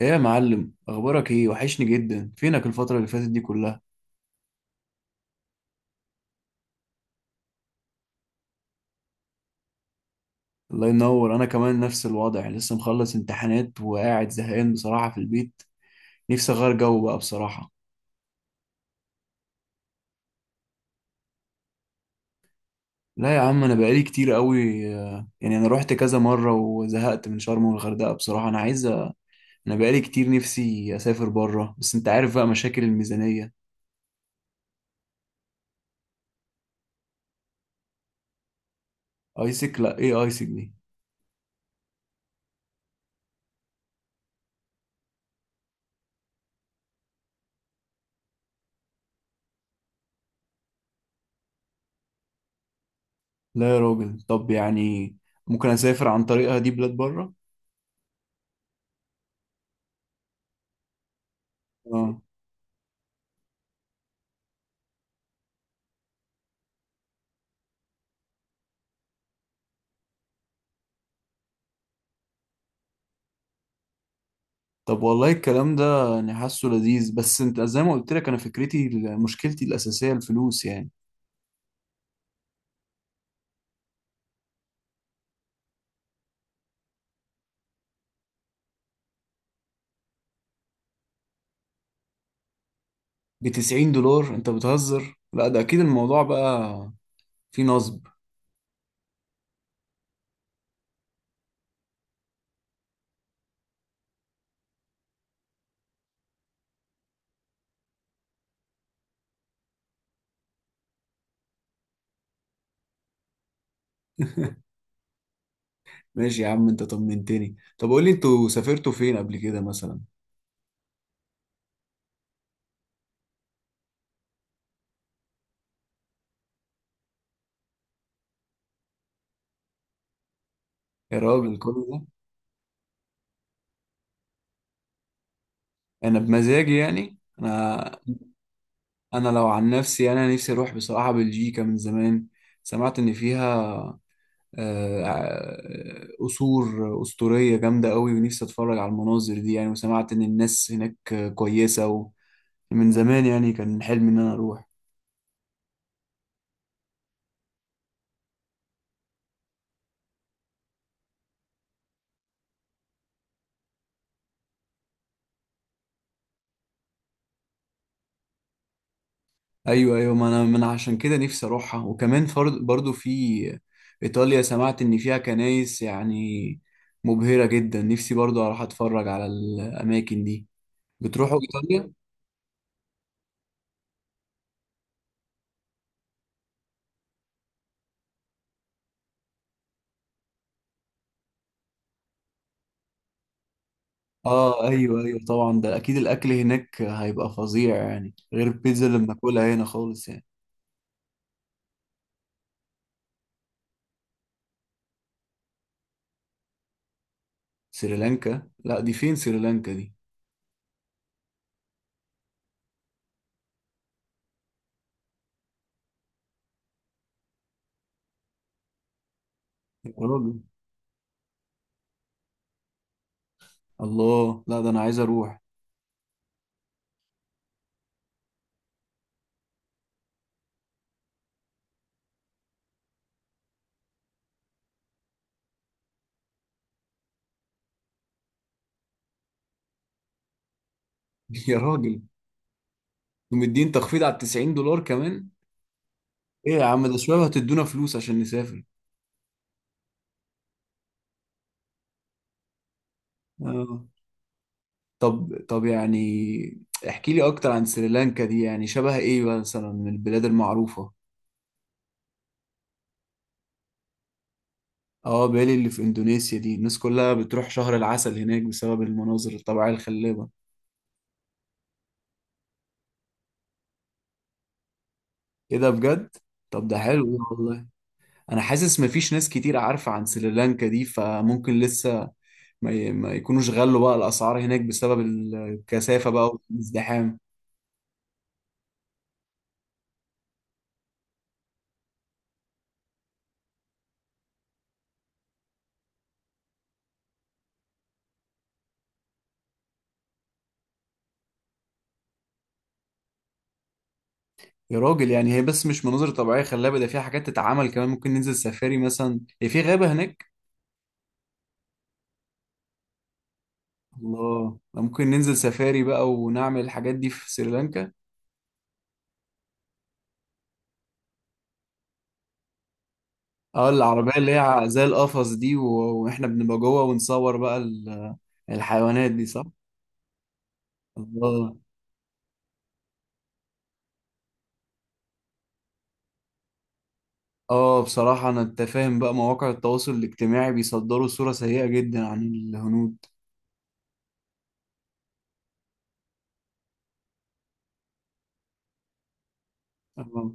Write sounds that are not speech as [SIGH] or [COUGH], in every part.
ايه يا معلم، اخبارك ايه؟ وحشني جدا، فينك الفترة اللي فاتت دي كلها؟ الله ينور. انا كمان نفس الوضع، لسه مخلص امتحانات وقاعد زهقان بصراحة في البيت. نفسي اغير جو بقى بصراحة. لا يا عم، انا بقالي كتير قوي يعني انا رحت كذا مرة وزهقت من شرم والغردقة بصراحة. انا بقالي كتير نفسي اسافر بره، بس انت عارف بقى مشاكل الميزانية. ايسك؟ لا، ايه ايسك دي؟ لا يا راجل، طب يعني ممكن اسافر عن طريقها دي بلاد بره؟ اه. طب والله الكلام ده يعني حاسه لذيذ، بس انت زي ما قلت لك انا فكرتي، مشكلتي الاساسيه الفلوس يعني. ب 90 دولار؟ انت بتهزر. لا ده اكيد الموضوع بقى فيه نصب. ماشي يا عم، انت طمنتني. طب قول لي انتوا سافرتوا فين قبل كده مثلا؟ يا راجل كل ده؟ انا بمزاجي يعني انا، انا لو عن نفسي يعني، انا نفسي اروح بصراحه بلجيكا من زمان. سمعت ان فيها قصور أسطورية جامدة قوي، ونفسي أتفرج على المناظر دي يعني. وسمعت إن الناس هناك كويسة، ومن زمان يعني كان حلمي إن أنا أروح. أيوه أيوه، ما أنا عشان كده نفسي أروحها. وكمان فرض برضو في إيطاليا، سمعت إن فيها كنايس يعني مبهرة جدا، نفسي برضو أروح أتفرج على الأماكن دي. بتروحوا إيطاليا؟ آه أيوه أيوه طبعا، ده أكيد الأكل هناك هيبقى فظيع يعني، غير البيتزا اللي بناكلها هنا خالص يعني. سريلانكا؟ لا، دي فين سريلانكا دي؟ يا راجل الله، لا ده انا عايز اروح. [LAUGHS] يا راجل، ومدين تخفيض على 90 دولار كمان؟ ايه يا عم، ده شباب هتدونا فلوس عشان نسافر. آه. طب طب يعني احكي لي اكتر عن سريلانكا دي، يعني شبه ايه مثلا من البلاد المعروفة؟ اه، بالي اللي في اندونيسيا دي الناس كلها بتروح شهر العسل هناك بسبب المناظر الطبيعية الخلابة. ايه ده، بجد؟ طب ده حلو والله. انا حاسس مفيش ناس كتير عارفة عن سريلانكا دي، فممكن لسه ما يكونوش غلوا بقى الاسعار هناك بسبب الكثافه بقى والازدحام. يا راجل يعني هي بس مش مناظر طبيعيه خلابه، ده فيها حاجات تتعمل كمان، ممكن ننزل سفاري مثلا، هي في غابه هناك. الله، ده ممكن ننزل سفاري بقى ونعمل الحاجات دي في سريلانكا. اه، العربيه اللي هي زي القفص دي، و... واحنا بنبقى جوه ونصور بقى ال... الحيوانات دي، صح؟ الله. اه بصراحة، أنت فاهم بقى، مواقع التواصل الاجتماعي بيصدروا صورة سيئة جدا عن الهنود. اه.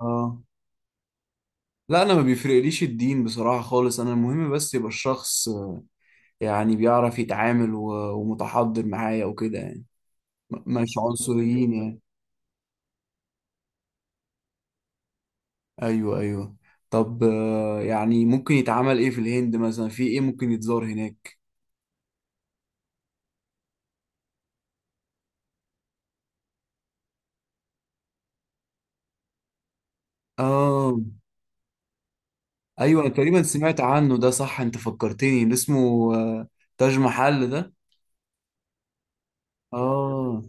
آه. لا انا ما بيفرقليش الدين بصراحة خالص، انا المهم بس يبقى الشخص يعني بيعرف يتعامل ومتحضر معايا وكده يعني، مش عنصريين يعني. ايوه ايوه. طب يعني ممكن يتعمل ايه في الهند مثلا، في ايه ممكن يتزار هناك؟ اه ايوه، انا تقريبا سمعت عنه ده، صح، انت فكرتني اللي اسمه تاج محل ده. اه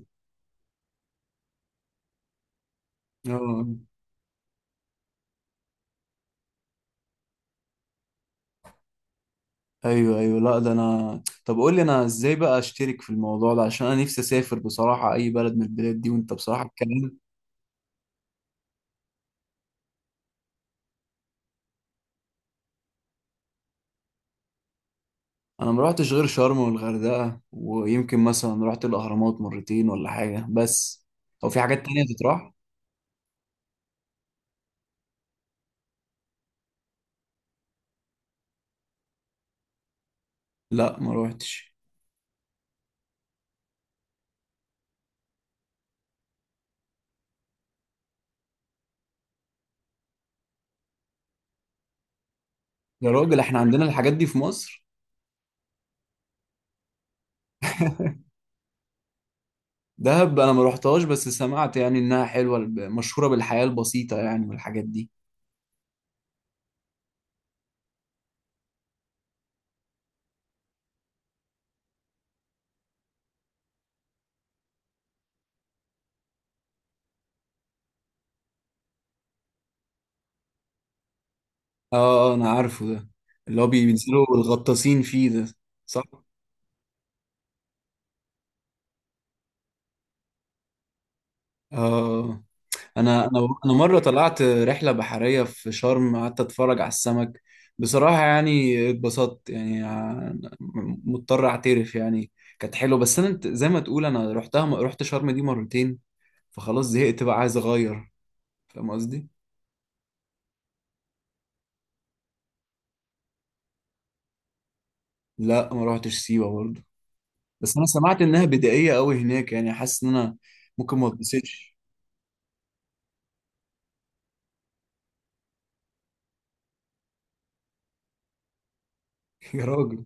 اه. ايوه ايوه، لا ده انا، طب قول لي انا ازاي بقى اشترك في الموضوع ده، عشان انا نفسي اسافر بصراحه اي بلد من البلاد دي، وانت بصراحه الكلام. انا ما رحتش غير شرم والغردقه، ويمكن مثلا رحت الاهرامات مرتين ولا حاجه، بس هو في حاجات تانية تتراح؟ لا ما روحتش. يا راجل احنا عندنا الحاجات دي في مصر؟ [LAUGHS] دهب انا ما روحتهاش، بس سمعت يعني انها حلوه، مشهوره بالحياه البسيطه يعني والحاجات دي. اه انا عارفه ده، اللي هو بينزلوا الغطاسين فيه ده، صح. اه. آه. انا مره طلعت رحله بحريه في شرم، قعدت اتفرج على السمك. بصراحه يعني اتبسطت يعني، مضطر اعترف يعني. كانت حلوه، بس انا زي ما تقول انا رحتها، رحت شرم دي مرتين، فخلاص زهقت بقى عايز اغير، فاهم قصدي؟ لا ما روحتش سيوه برضه، بس انا سمعت انها بدائيه قوي هناك يعني، حاسس ان انا ممكن ما اتبسطش. [LAUGHS] يا راجل.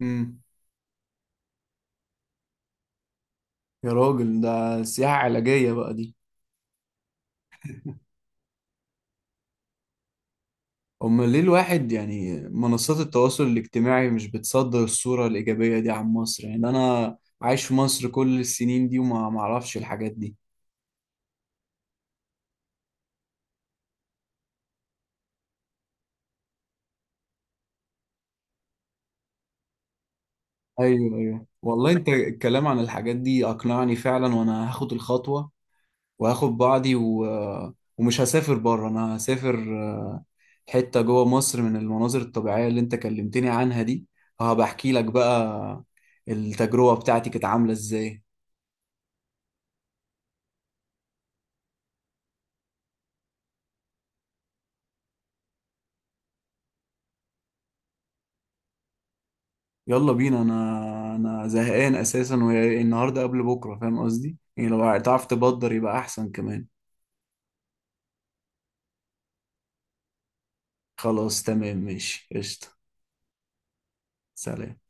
امم يا راجل ده سياحه علاجيه بقى دي. امال ليه الواحد يعني منصات التواصل الاجتماعي مش بتصدر الصورة الإيجابية دي عن مصر؟ يعني أنا عايش في مصر كل السنين دي وما معرفش الحاجات دي. أيوه أيوه والله، أنت الكلام عن الحاجات دي أقنعني فعلا، وأنا هاخد الخطوة وهاخد بعضي و... ومش هسافر بره، أنا هسافر آه، حتة جوه مصر من المناظر الطبيعية اللي أنت كلمتني عنها دي، هبقى أحكي لك بقى التجربة بتاعتي كانت عاملة إزاي. يلا بينا، انا انا زهقان اساسا، والنهارده قبل بكره فاهم قصدي، يعني لو تعرف تبدر يبقى احسن كمان. خلاص تمام، ماشي، قشطه. سلام.